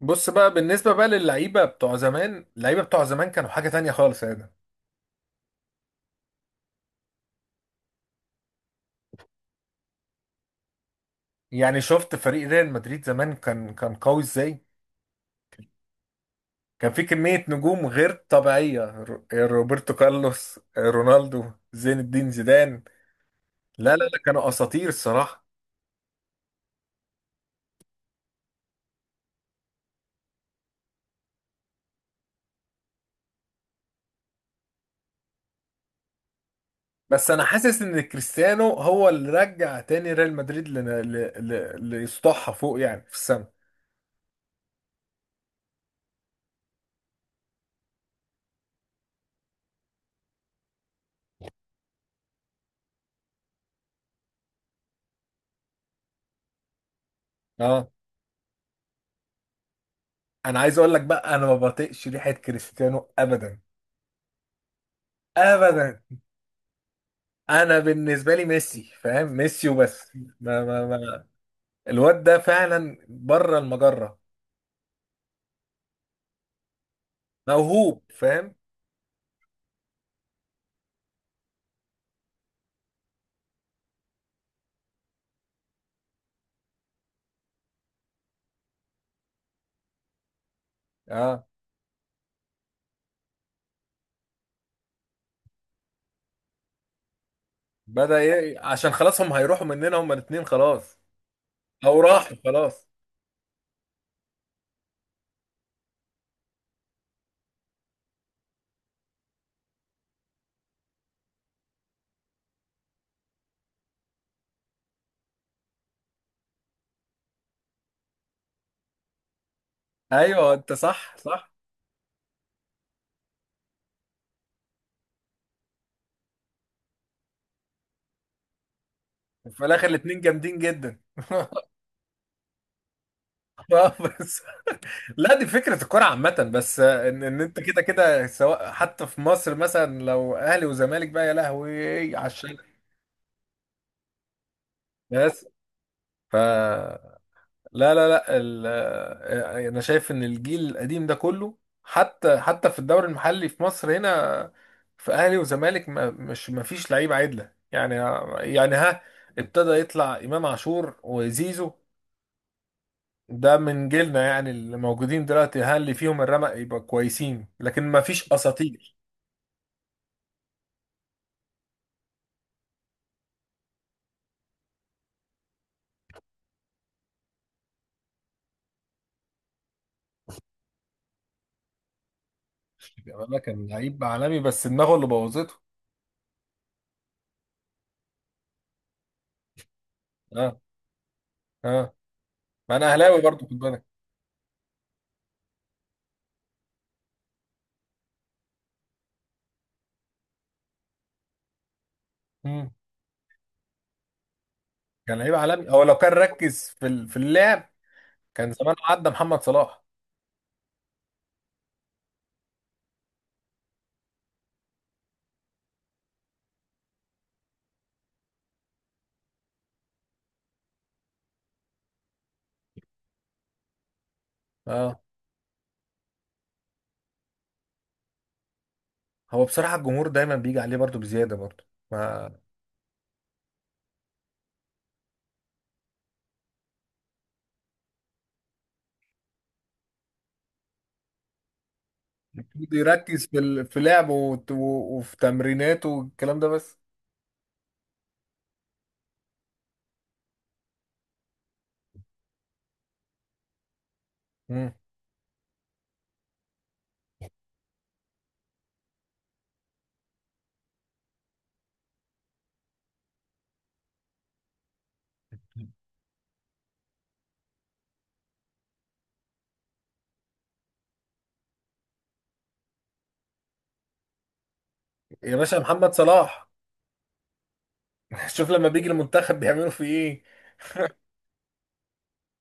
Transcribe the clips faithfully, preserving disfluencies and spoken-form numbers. بص بقى بالنسبة بقى للعيبة بتوع زمان. اللعيبة بتوع زمان كانوا حاجة تانية خالص يا ده. يعني شفت فريق ريال مدريد زمان كان كان قوي ازاي. كان في كمية نجوم غير طبيعية. رو- روبرتو كارلوس، رونالدو، زين الدين زيدان. لا لا لا، كانوا أساطير الصراحة. بس أنا حاسس إن كريستيانو هو اللي رجع تاني ريال مدريد ل... ل... ل... ليسطحها فوق، يعني في السما. اه، أنا عايز أقول لك بقى، أنا ما بطيقش ريحة كريستيانو أبدا، أبدا. انا بالنسبه لي ميسي، فاهم؟ ميسي وبس. ما ما ما الواد ده فعلا بره المجره. موهوب، فاهم؟ اه. بدأ ايه؟ عشان خلاص هم هيروحوا مننا هم الاثنين خلاص، او راحوا خلاص. ايوه، انت صح صح. في الاخر الاثنين جامدين جدا. آه، بس لا، دي فكره الكوره عامه، بس ان ان انت كده كده سواء حتى في مصر مثلا لو اهلي وزمالك بقى، يا لهوي على الشلل. بس، ف لا لا لا ال- آه، انا شايف ان الجيل القديم ده كله، حتى حتى في الدوري المحلي في مصر هنا، في اهلي وزمالك، ما مش ما فيش لعيبه عدله يعني. يعني ها، ابتدى يطلع امام عاشور وزيزو. ده من جيلنا يعني، اللي موجودين دلوقتي ها، اللي فيهم الرمق يبقى كويسين، لكن ما فيش اساطير. ده كان لعيب عالمي، بس دماغه اللي بوظته. اه اه، ما انا اهلاوي برضو، خد بالك. مم. كان لعيب عالمي، هو لو كان ركز في ال- في اللعب كان زمان عدى محمد صلاح. اه. هو بصراحة الجمهور دايما بيجي عليه برضو بزيادة برضو. ما المفروض يركز في ال... في لعبه وت... و- وفي تمريناته والكلام ده بس. مم. يا باشا، محمد صلاح. شوف لما بيجي المنتخب بيعملوا فيه ايه.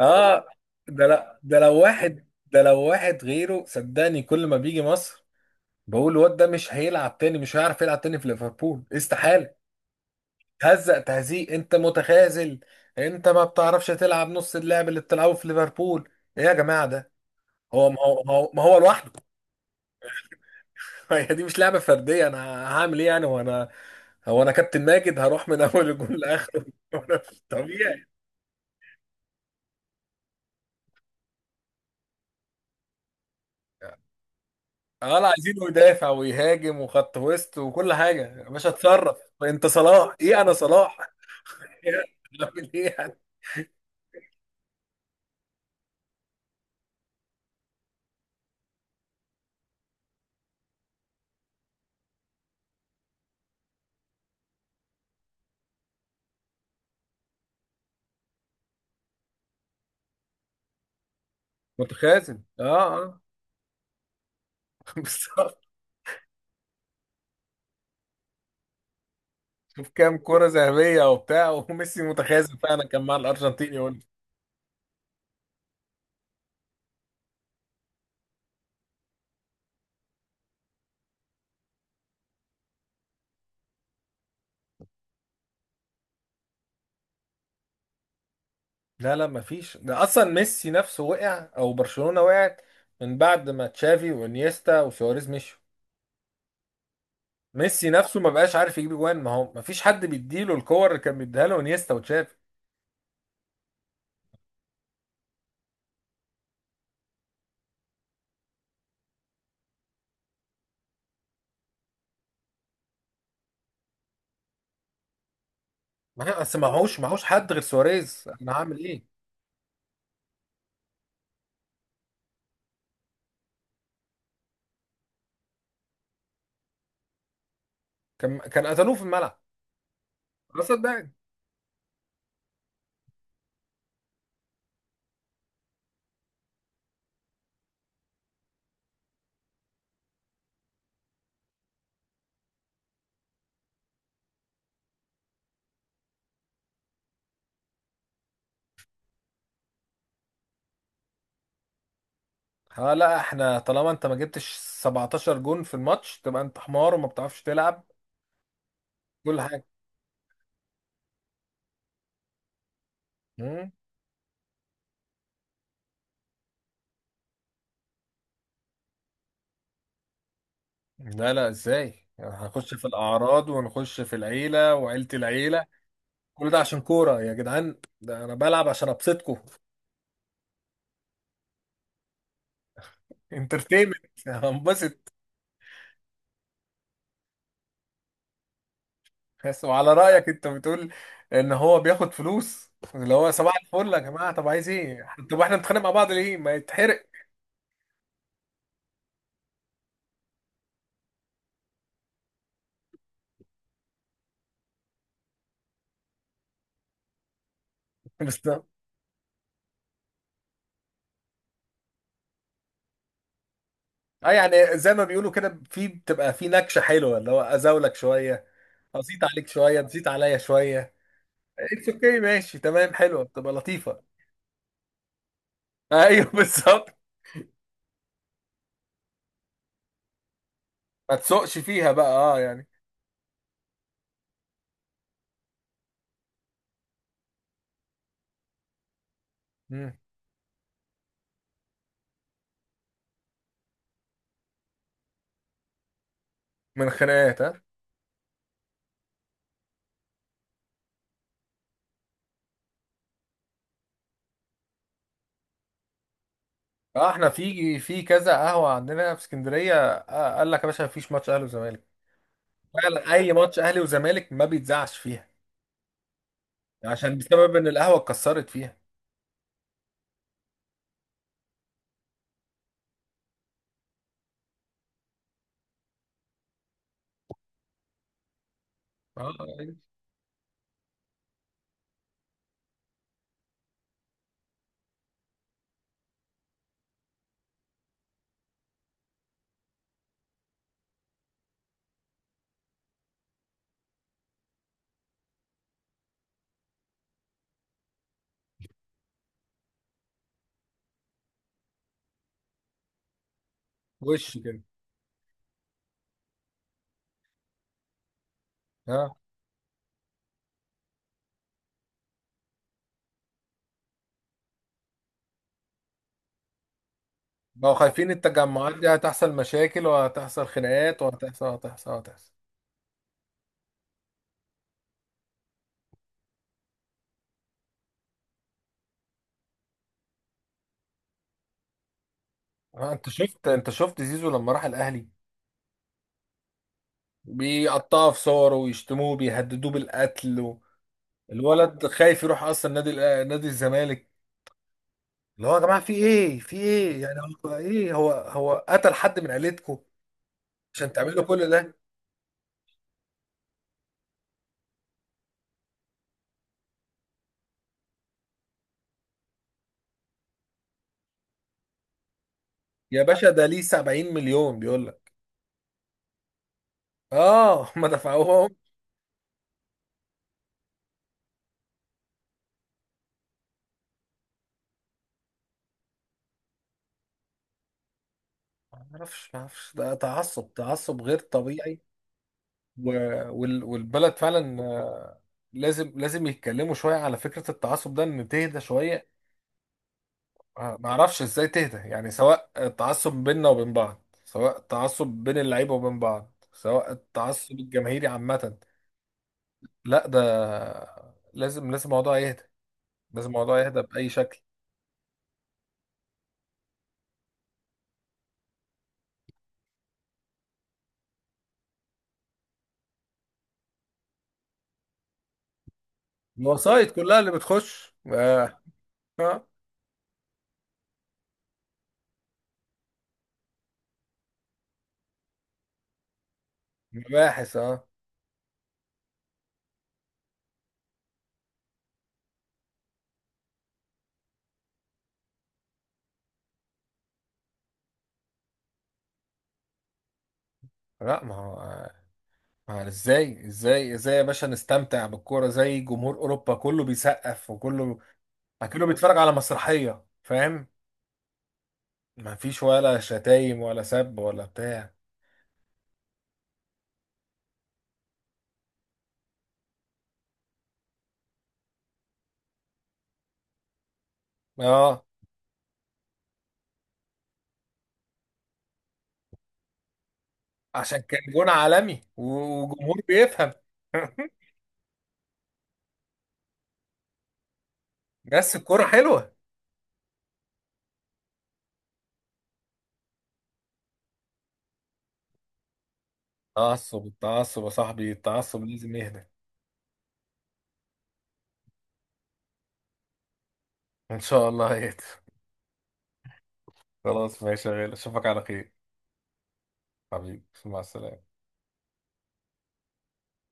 اه، ده لا ده لو واحد ده لو واحد غيره، صدقني، كل ما بيجي مصر بقول الواد ده مش هيلعب تاني، مش هيعرف يلعب تاني في ليفربول، استحالة. هزق تهزيق، انت متخاذل، انت ما بتعرفش تلعب نص اللعب اللي بتلعبه في ليفربول. ايه يا جماعه ده؟ هو ما هو ما هو ما هو لوحده. هي دي مش لعبه فرديه، انا هعمل ايه يعني؟ هو انا هو انا كابتن ماجد هروح من اول الجول لاخره، وانا مش طبيعي. اه، لا، عايزينه يدافع ويهاجم وخط وسط وكل حاجه، يا باشا اتصرف. انت صلاح، ايه انا صلاح؟ إيه؟ اعمل ايه يعني؟ متخاذل، اه اه. بالظبط. شوف كام كرة ذهبية وبتاع، وميسي متخاذل فعلا كان مع الأرجنتين يقول. لا لا، مفيش، ده اصلا ميسي نفسه وقع، او برشلونة وقعت من بعد ما تشافي وانيستا وسواريز مشوا. ميسي نفسه ما بقاش عارف يجيب جوان، ما هو مفيش حد بيديله الكور اللي كان بيديها له انيستا وتشافي. ما هي اصل معهوش معهوش حد غير سواريز، انا هعمل ايه؟ كان كان قتلوه في الملعب، خلاص صدقني. ها، لا، احنا طالما انت ما جبتش سبعتاشر جون في الماتش تبقى انت حمار وما بتعرفش تلعب كل حاجة. مم. لا لا، ازاي يعني؟ هنخش في الاعراض، ونخش في العيلة وعيلة العيلة، كل ده عشان كورة يا جدعان؟ ده أنا بلعب عشان أبسطكم. انترتينمنت، هنبسط. بس، وعلى رأيك أنت بتقول إن هو بياخد فلوس اللي هو صباح الفل، يا جماعة طب عايز إيه؟ طب إحنا بنتخانق مع بعض ليه؟ ما يتحرق. بس ده- أه، يعني زي ما بيقولوا كده، في بتبقى في نكشة حلوة اللي هو أزاولك شوية، أزيط عليك شوية، تزيط عليا شوية، اتس اوكي، ماشي تمام، حلوة، بتبقى لطيفة. أيوه بالظبط، ما تسوقش فيها بقى، أه يعني. مم. من خناقات، ها. اه، احنا في في كذا قهوه عندنا في اسكندريه، آه، قال لك يا باشا مفيش ماتش اهلي وزمالك. فعلا، اي ماتش اهلي وزمالك ما بيتذاعش فيها، عشان بسبب ان القهوه اتكسرت فيها. اه، وش كده. اه، بقوا خايفين التجمعات دي هتحصل مشاكل، وهتحصل خناقات، وهتحصل وهتحصل وهتحصل. اه، انت شفت، انت شفت زيزو لما راح الاهلي، بيقطعوا في صوره ويشتموه، بيهددوه بالقتل، و... الولد خايف يروح اصلا نادي الأ- نادي الزمالك، اللي هو يا جماعه في ايه؟ في ايه يعني؟ هو ايه، هو هو قتل حد من عيلتكم عشان تعملوا كل ده؟ يا باشا ده ليه سبعين مليون بيقول لك. اه، ما دفعوهم. ما اعرفش ما اعرفش، ده تعصب، تعصب غير طبيعي. و... وال... والبلد فعلا آه، لازم لازم يتكلموا شويه على فكره التعصب ده، ان تهدى شويه. آه، ما اعرفش ازاي تهدى يعني، سواء التعصب بيننا وبين بعض، سواء التعصب بين اللعيبه وبين بعض، سواء التعصب الجماهيري عامه. لا ده، لازم لازم الموضوع يهدى، لازم الموضوع يهدى بأي شكل. الوسايط كلها اللي بتخش، آه. آه. مباحث، اه. لا، ما هو ما هو ازاي، ازاي ازاي يا باشا نستمتع بالكورة زي جمهور أوروبا؟ كله بيسقف، وكله كله بيتفرج على مسرحية، فاهم؟ ما فيش ولا شتايم ولا سب ولا بتاع. اه، عشان كان جون عالمي و- وجمهور بيفهم. بس الكورة حلوة. تعصب، التعصب يا صاحبي، التعصب لازم يهدى. ان شاء الله هيك. خلاص ماشي يا غالي، اشوفك على خير. حبيبي، مع السلامة.